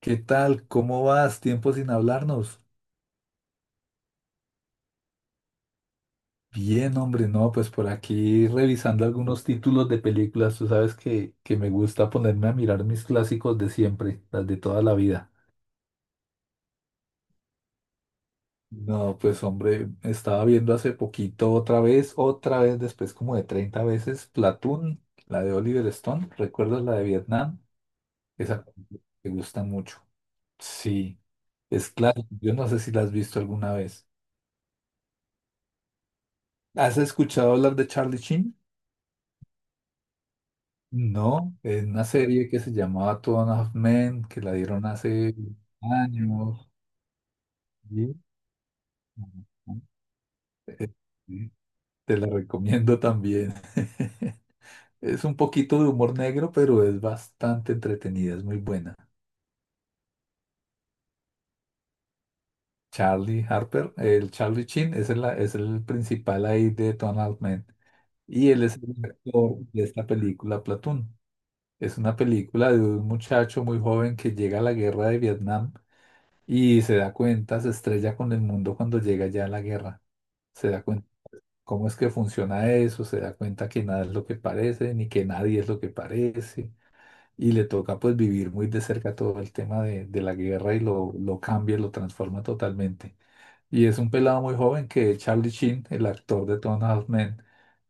¿Qué tal? ¿Cómo vas? Tiempo sin hablarnos. Bien, hombre, no, pues por aquí revisando algunos títulos de películas. Tú sabes que me gusta ponerme a mirar mis clásicos de siempre, las de toda la vida. No, pues hombre, estaba viendo hace poquito otra vez después como de 30 veces, Platoon, la de Oliver Stone. ¿Recuerdas la de Vietnam? Esa me gusta mucho. Sí, es claro. Yo no sé si la has visto alguna vez. ¿Has escuchado hablar de Charlie Sheen? No, es una serie que se llamaba Two and a Half Men, que la dieron hace años. y- eh, sí, te la recomiendo también. Es un poquito de humor negro, pero es bastante entretenida, es muy buena. Charlie Harper, el Charlie Chin es el principal ahí de Two and a Half Men. Y él es el actor de esta película, Platoon. Es una película de un muchacho muy joven que llega a la guerra de Vietnam. Y se da cuenta, se estrella con el mundo cuando llega ya a la guerra. Se da cuenta cómo es que funciona eso, se da cuenta que nada es lo que parece, ni que nadie es lo que parece. Y le toca pues vivir muy de cerca todo el tema de la guerra y lo cambia, lo transforma totalmente. Y es un pelado muy joven que Charlie Sheen, el actor de Two and a Half Men,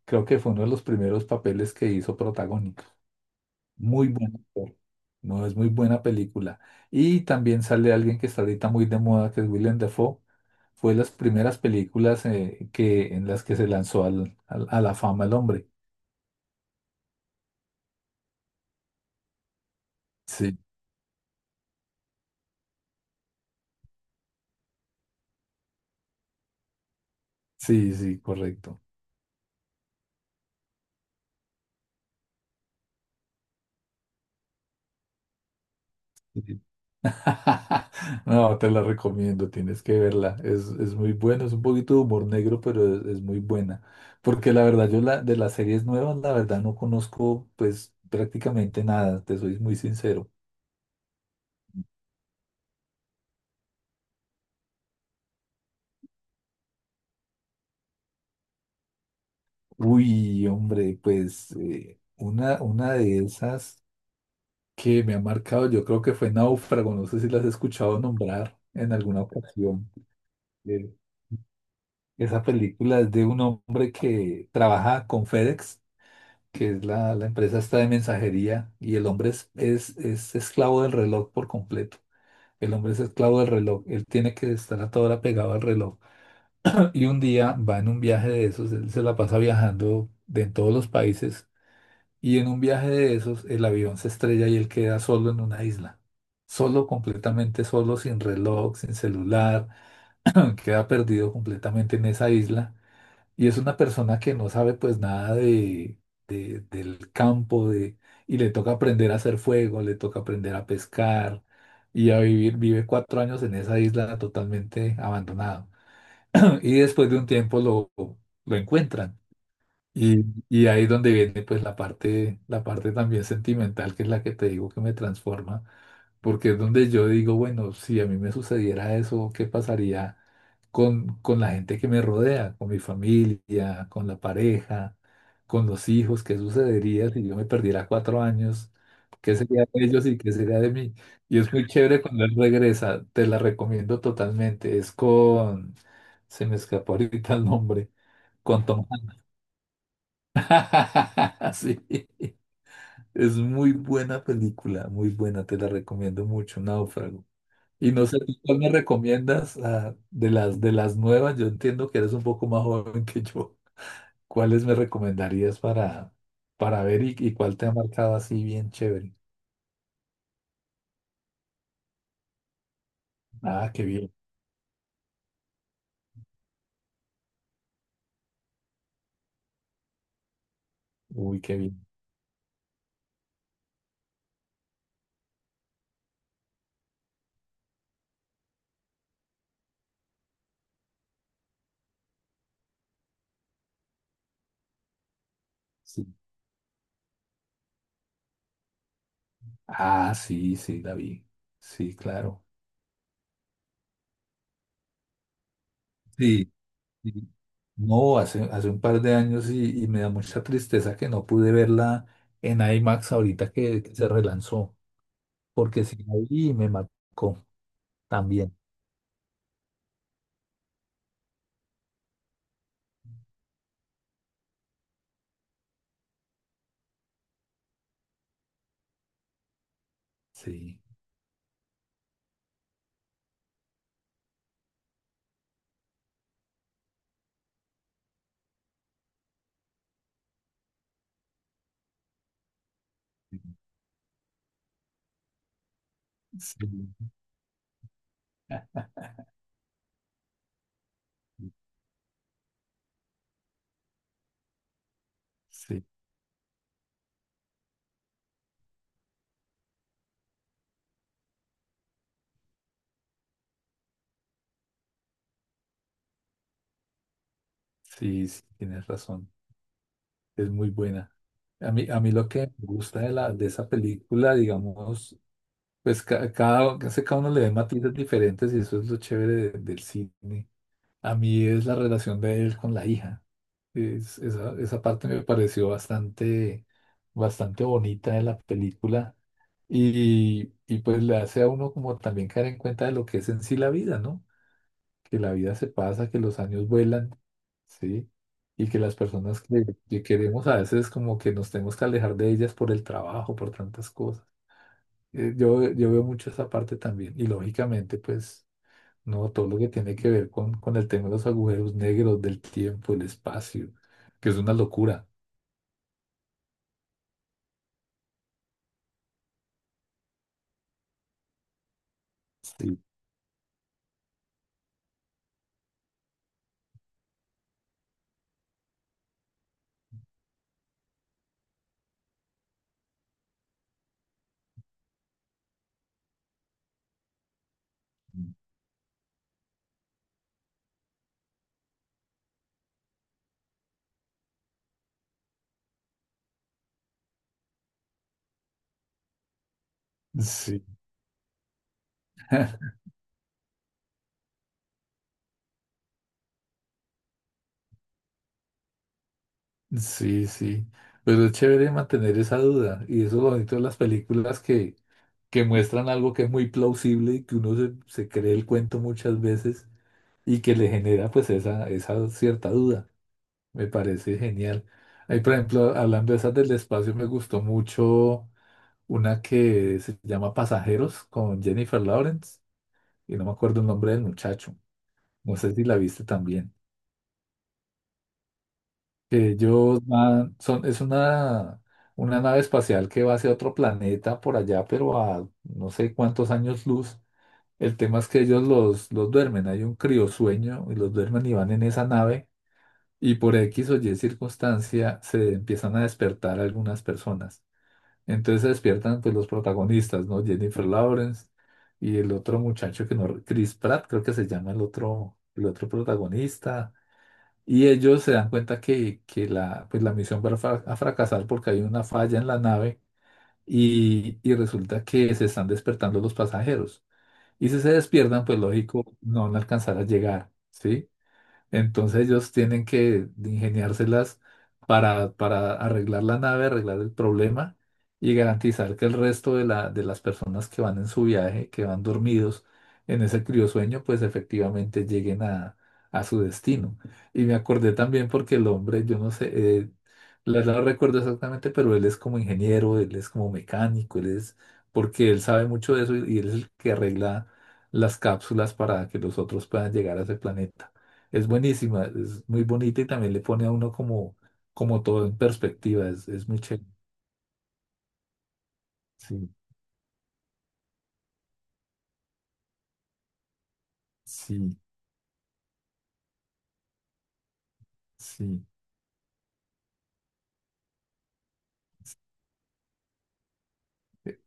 creo que fue uno de los primeros papeles que hizo protagónico. Muy buen actor. No es muy buena película. Y también sale alguien que está ahorita muy de moda, que es Willem Dafoe, fue las primeras películas que, en las que se lanzó a la fama el hombre. Sí, sí, sí, correcto. Sí. No, te la recomiendo, tienes que verla. Es muy buena, es un poquito de humor negro, pero es muy buena. Porque la verdad, yo la, de las series nuevas, la verdad no conozco pues prácticamente nada, te soy muy sincero. Uy, hombre, pues una de esas que me ha marcado, yo creo que fue Náufrago, no sé si las has escuchado nombrar en alguna ocasión. Eh, Esa película es de un hombre que trabaja con FedEx, que es la empresa esta de mensajería, y el hombre es esclavo del reloj por completo. El hombre es esclavo del reloj, él tiene que estar a toda hora pegado al reloj. Y un día va en un viaje de esos, él se la pasa viajando de en todos los países. Y en un viaje de esos, el avión se estrella y él queda solo en una isla. Solo, completamente solo, sin reloj, sin celular. Queda perdido completamente en esa isla. Y es una persona que no sabe pues nada del campo y le toca aprender a hacer fuego, le toca aprender a pescar y a vivir. Vive 4 años en esa isla totalmente abandonado. Y después de un tiempo lo encuentran y ahí es donde viene pues la parte también sentimental, que es la que te digo que me transforma, porque es donde yo digo, bueno, si a mí me sucediera eso, ¿qué pasaría con la gente que me rodea, con mi familia, con la pareja, con los hijos? ¿Qué sucedería si yo me perdiera 4 años? ¿Qué sería de ellos y qué sería de mí? Y es muy chévere cuando él regresa, te la recomiendo totalmente, es con, se me escapó ahorita el nombre. Con Tom. Sí, es muy buena película, muy buena, te la recomiendo mucho, Náufrago. Y no sé, ¿tú cuál me recomiendas de las nuevas? Yo entiendo que eres un poco más joven que yo. ¿Cuáles me recomendarías para ver y cuál te ha marcado así bien chévere? Ah, qué bien. Uy, qué bien. Sí. Ah, sí, sí, la vi. Sí, claro. Sí. Y- No, hace un par de años y me da mucha tristeza que no pude verla en IMAX ahorita que se relanzó, porque sí la vi y me marcó también. Sí, sí, sí, sí, sí, tienes razón, es muy buena. A mí, lo que me gusta de esa película, digamos, pues casi cada uno le ve matices diferentes y eso es lo chévere del cine. A mí es la relación de él con la hija. Esa parte me pareció bastante, bastante bonita de la película y pues le hace a uno como también caer en cuenta de lo que es en sí la vida, ¿no? Que la vida se pasa, que los años vuelan, ¿sí? Y que las personas que queremos a veces como que nos tenemos que alejar de ellas por el trabajo, por tantas cosas. Yo veo mucho esa parte también y lógicamente pues... No, todo lo que tiene que ver con el tema de los agujeros negros, del tiempo, el espacio, que es una locura. Sí. Sí, sí, sí. Pero es chévere mantener esa duda. Y eso es lo bonito de las películas que muestran algo que es muy plausible y que uno se cree el cuento muchas veces y que le genera pues esa cierta duda. Me parece genial. Ahí, por ejemplo, hablando de esas del espacio, me gustó mucho una que se llama Pasajeros con Jennifer Lawrence y no me acuerdo el nombre del muchacho. No sé si la viste también. Que ellos van, son, es una nave espacial que va hacia otro planeta por allá, pero a no sé cuántos años luz. El tema es que ellos los duermen, hay un criosueño y los duermen y van en esa nave y por X o Y circunstancia se empiezan a despertar algunas personas. Entonces se despiertan pues los protagonistas, ¿no? Jennifer Lawrence y el otro muchacho que no, Chris Pratt creo que se llama el otro protagonista. Y ellos se dan cuenta que pues la misión va a fracasar porque hay una falla en la nave y resulta que se están despertando los pasajeros. Y si se despiertan, pues lógico, no van a alcanzar a llegar, ¿sí? Entonces ellos tienen que ingeniárselas para arreglar la nave, arreglar el problema y garantizar que el resto de las personas que van en su viaje, que van dormidos en ese criosueño, pues efectivamente lleguen a su destino. Y me acordé también porque el hombre, yo no sé, eh, la verdad no recuerdo exactamente, pero él es como ingeniero, él es como mecánico, él es, porque él sabe mucho de eso y él es el que arregla las cápsulas para que los otros puedan llegar a ese planeta. Es buenísima, es muy bonita y también le pone a uno como, como todo en perspectiva, es muy chévere. Sí, sí, sí. e-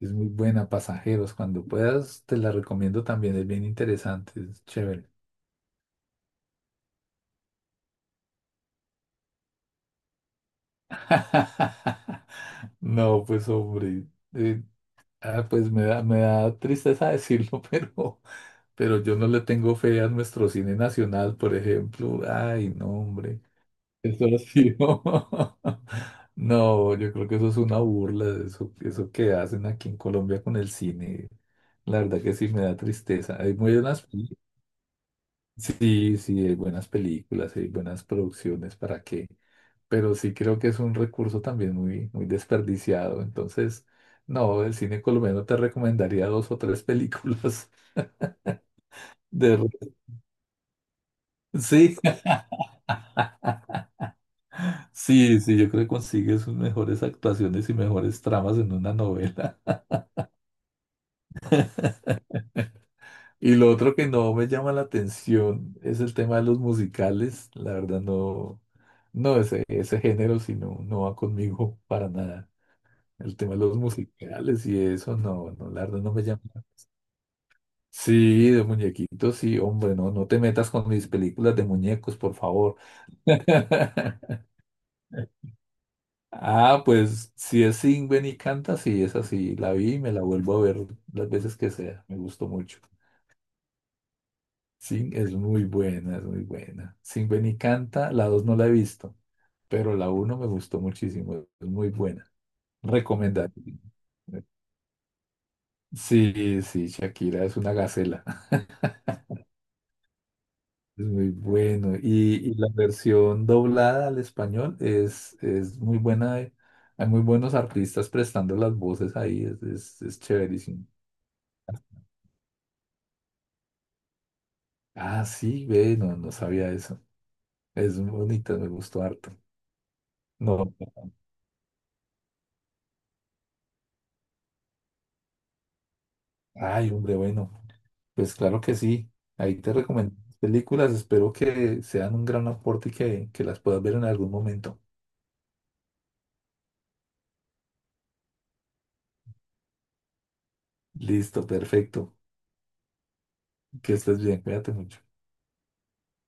Es muy buena, pasajeros. Cuando puedas, te la recomiendo también, es bien interesante, es chévere. No, pues hombre, eh, pues me da tristeza decirlo, pero yo no le tengo fe a nuestro cine nacional, por ejemplo. Ay, no, hombre. Eso ha sido. No, yo creo que eso es una burla, eso que hacen aquí en Colombia con el cine. La verdad que sí me da tristeza. Hay muy buenas, sí, sí, hay buenas películas, hay buenas producciones, ¿para qué? Pero sí creo que es un recurso también muy, muy desperdiciado. Entonces, no, el cine colombiano te recomendaría dos o tres películas. de re- Sí, sí, sí, yo creo que consigues sus mejores actuaciones y mejores tramas en una novela. Y lo otro que no me llama la atención es el tema de los musicales. La verdad no, no ese género, sino no va conmigo para nada. El tema de los musicales y eso, no, no, la verdad no me llama. Sí, de muñequitos, sí, hombre, no, no te metas con mis películas de muñecos, por favor. Ah, pues si es Sing, ven y canta, sí, es así. La vi y me la vuelvo a ver las veces que sea. Me gustó mucho. Sí, es muy buena, es muy buena. Sin Ven y Canta, la 2 no la he visto, pero la uno me gustó muchísimo, es muy buena. Recomendar. Sí, sí, Shakira es una gacela, es muy bueno. Y la versión doblada al español es muy buena, hay muy buenos artistas prestando las voces ahí, es chéverísimo. Ah, sí, ve, no, no sabía eso. Es bonita, me gustó harto. No, ay, hombre, bueno. Pues claro que sí. Ahí te recomiendo películas. Espero que sean un gran aporte y que las puedas ver en algún momento. Listo, perfecto. Que estés bien. Cuídate mucho.